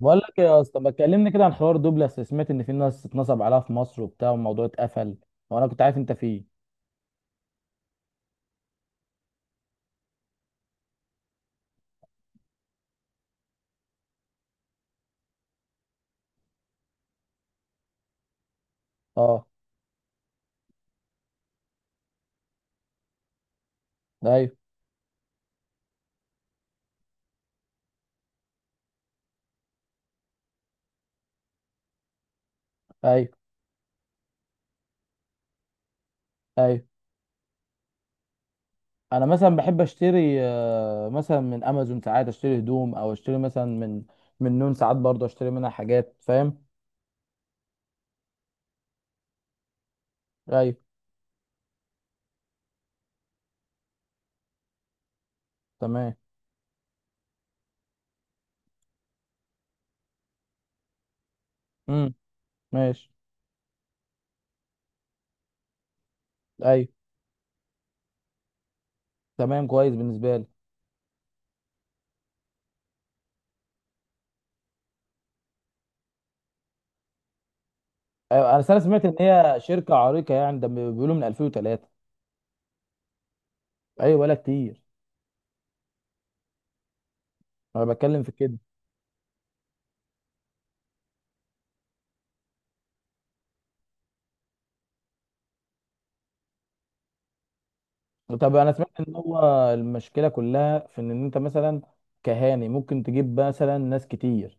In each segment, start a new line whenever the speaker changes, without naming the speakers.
بقول لك إيه يا اسطى؟ ما تكلمني كده عن حوار دوبلاس، سمعت ان في ناس اتنصب عليها في مصر وبتاع والموضوع اتقفل. وانا كنت عارف انت فيه. اه. ايوه. ايوه. ايوه انا مثلا بحب اشتري، مثلا من امازون ساعات اشتري هدوم، او اشتري مثلا من نون، ساعات برضه اشتري منها حاجات، فاهم؟ ايوه. تمام. امم. ماشي. ايوه. تمام، كويس بالنسبه لي. ايوه انا أصل أنا سمعت ان هي شركه عريقه يعني، ده بيقولوا من 2003. ايوه ولا كتير. انا بتكلم في كده. طب انا سمعت ان هو المشكله كلها في ان انت مثلا كهاني ممكن تجيب مثلا ناس كتير.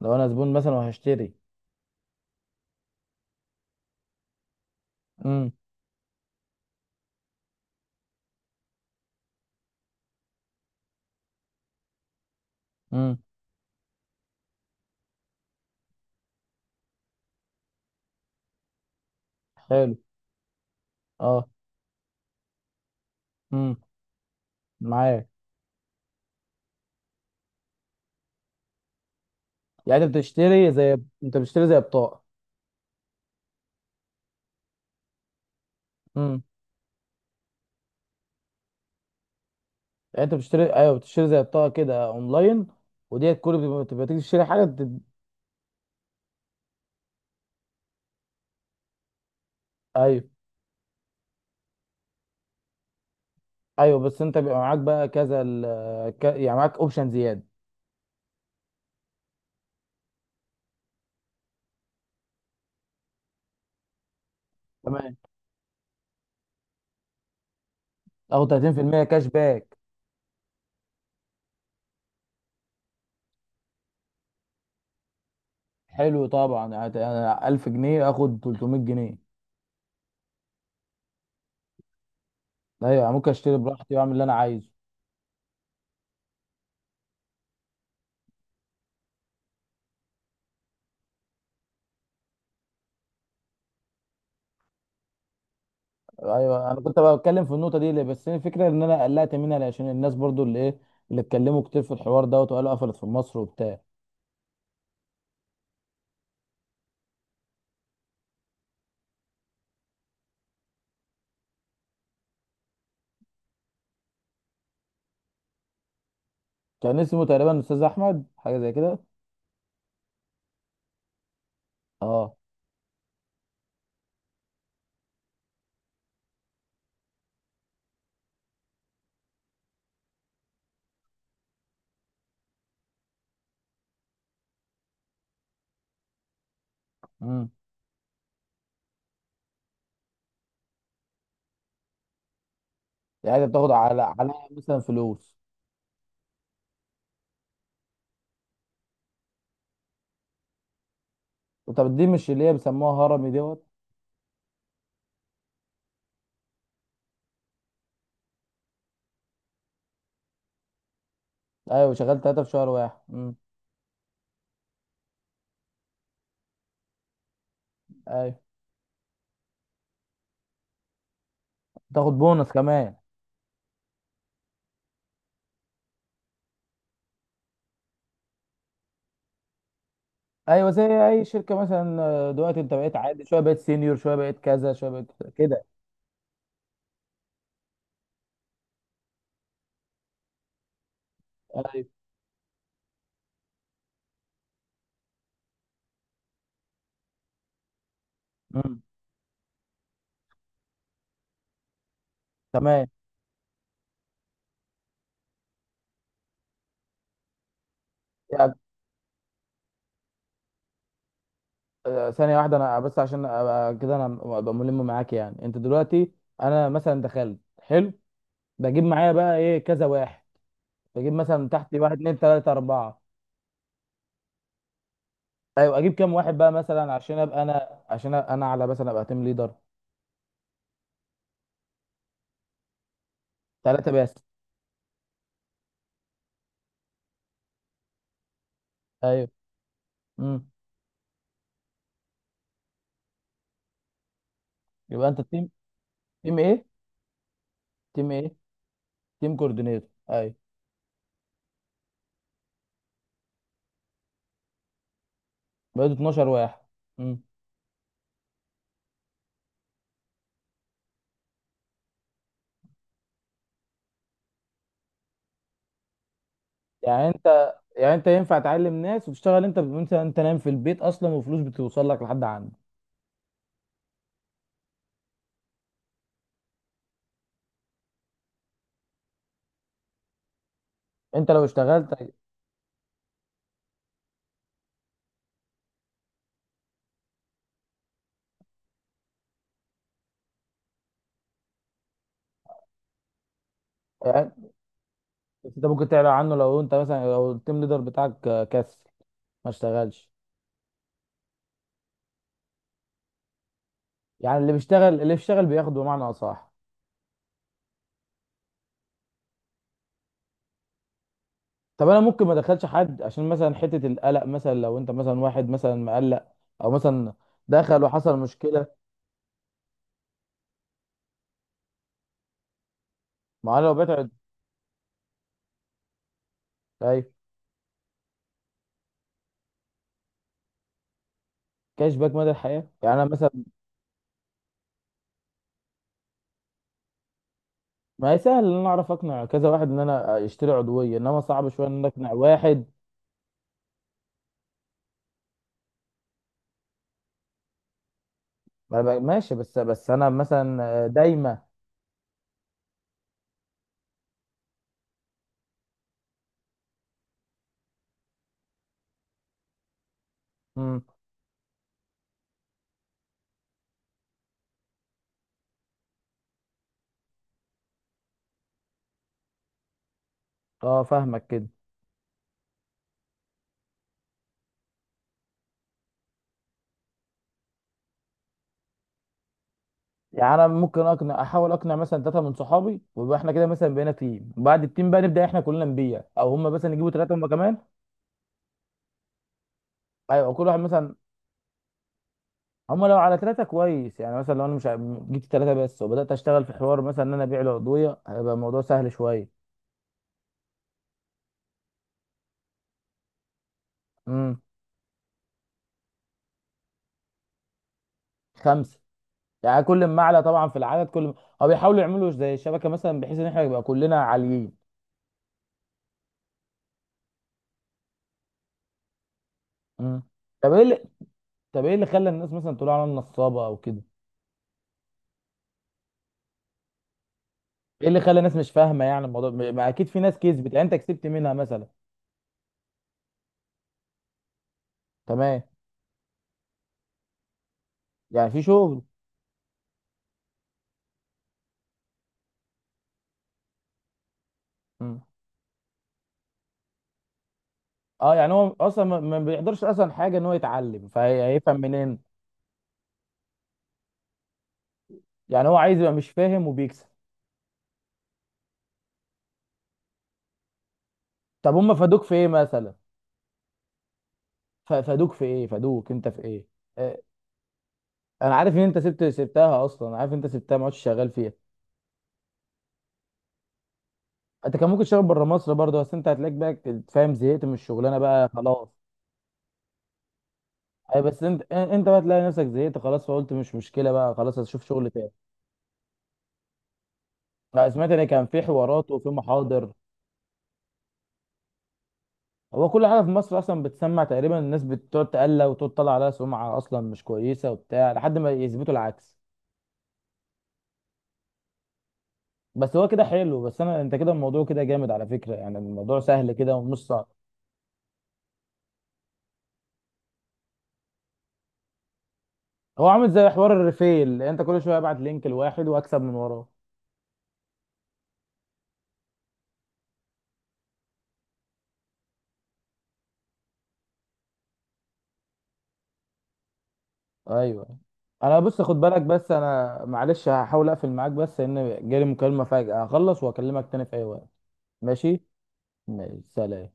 لو انا زبون مثلا وهشتري. امم. امم. حلو. اه. امم. معاك. يعني انت بتشتري زي، انت بتشتري زي بطاقه. امم. يعني انت بتشتري، ايوه بتشتري زي بطاقه كده اونلاين، وديت كل بتبقى تيجي تشتري حاجه ايوه. ايوه بس انت بيبقى معاك بقى كذا يعني معاك اوبشن زياده. تمام. او 30%، كاش باك. حلو طبعا، انا 1000 جنيه اخد 300 جنيه. ايوه ممكن اشتري براحتي واعمل اللي انا عايزه. ايوه انا كنت بقى بتكلم في النقطه دي ليه، بس هي الفكره ان انا قلقت منها عشان الناس برضو اللي ايه، اللي اتكلموا كتير في الحوار دوت، وقالوا قفلت في مصر وبتاع. كان اسمه تقريبا استاذ احمد، حاجه زي كده. اه. امم. يعني بتاخد على مثلا فلوس؟ طب دي مش اللي هي بيسموها هرمي دوت؟ ايوه، شغال ثلاثه في شهر واحد. امم. ايوه، تاخد بونص كمان. ايوه زي اي شركه مثلا، دلوقتي انت بقيت عادي شويه، بقيت سينيور شويه، بقيت كذا شويه، بقيت كذا كده. ايوه. امم. تمام. يعني، ثانيه واحده انا بس عشان ابقى كده، انا ابقى ملم معاك. يعني انت دلوقتي، انا مثلا دخلت، حلو، بجيب معايا بقى ايه كذا واحد، بجيب مثلا تحتي واحد اتنين تلاته اربعه. ايوه اجيب كام واحد بقى مثلا عشان ابقى انا عشان أبقى انا على مثلا، ابقى تيم ليدر؟ ثلاثه بس؟ ايوه. امم. يبقى انت التيم، تيم ايه؟ تيم ايه؟ تيم كوردينيتور. ايوه، بقيت 12 واحد. يعني انت ينفع تعلم ناس وتشتغل انت، وانت نايم في البيت اصلا وفلوس بتوصل لك لحد عندك؟ انت لو اشتغلت. يعني بس انت ممكن تعلى عنه لو انت مثلا، لو التيم ليدر بتاعك كسل ما اشتغلش. يعني اللي بيشتغل، اللي بيشتغل بياخد بمعنى اصح. طب انا ممكن ما ادخلش حد عشان مثلا حته القلق، مثلا لو انت مثلا واحد مثلا مقلق، او مثلا دخل وحصل مشكله. ما انا لو بعت. ايوه. كاش باك مدى الحياه، يعني انا مثلا. ما هي سهل ان انا اعرف اقنع كذا واحد ان انا يشتري عضويه، انما صعب شويه ان انا اقنع واحد. ما بقى- ماشي، بس انا مثلا دايما. امم. اه فاهمك كده. يعني انا ممكن اقنع، احاول اقنع مثلا ثلاثه من صحابي، ويبقى احنا كده مثلا بقينا تيم، بعد التيم بقى نبدا احنا كلنا نبيع، او هم مثلا يجيبوا ثلاثه هم كمان. ايوه كل واحد مثلا. هم لو على ثلاثه كويس، يعني مثلا لو انا مش ع- جبت ثلاثه بس وبدات اشتغل في حوار مثلا ان انا ابيع العضويه، هيبقى الموضوع سهل شويه. امم. خمسه. يعني كل ما اعلى طبعا في العدد كل ما، هو بيحاولوا يعملوا زي الشبكه مثلا، بحيث ان احنا يبقى كلنا عاليين. مم. طب ايه اللي، طب ايه اللي خلى الناس مثلا تقول على نصابه او كده؟ ايه اللي خلى الناس مش فاهمه؟ يعني الموضوع ما اكيد في ناس كسبت، يعني انت كسبت منها مثلا. تمام، يعني في شغل. مم. اه يعني هو اصلا ما بيقدرش اصلا حاجه، ان هو يتعلم فهيفهم منين؟ يعني هو عايز يبقى مش فاهم وبيكسب. طب هم فادوك في ايه مثلا؟ فادوك في ايه، فادوك انت في ايه؟ آه، انا عارف ان انت سبتها اصلا، عارف إن انت سبتها ما عادش شغال فيها. انت كان ممكن تشتغل بره مصر برضه، بس انت هتلاقيك بقى فاهم، زهقت من الشغلانه بقى خلاص. اي بس انت، انت بقى تلاقي نفسك زهقت خلاص، فقلت مش مشكله بقى، خلاص هشوف شغل تاني. لا، سمعت ان كان في حوارات وفي محاضر. هو كل حاجه في مصر اصلا بتسمع تقريبا الناس بتقعد تقلق، وتقعد تطلع عليها سمعه اصلا مش كويسه وبتاع، لحد ما يثبتوا العكس. بس هو كده حلو، بس انا انت كده الموضوع كده جامد على فكره، يعني الموضوع سهل كده ومش صعب. هو عامل زي حوار الريفيل، انت كل شويه ابعت لينك لواحد واكسب من وراه. ايوه انا بص خد بالك، بس انا معلش هحاول اقفل معاك بس لان جالي مكالمة فجأة، هخلص واكلمك تاني في اي وقت. ماشي. ماشي، سلام.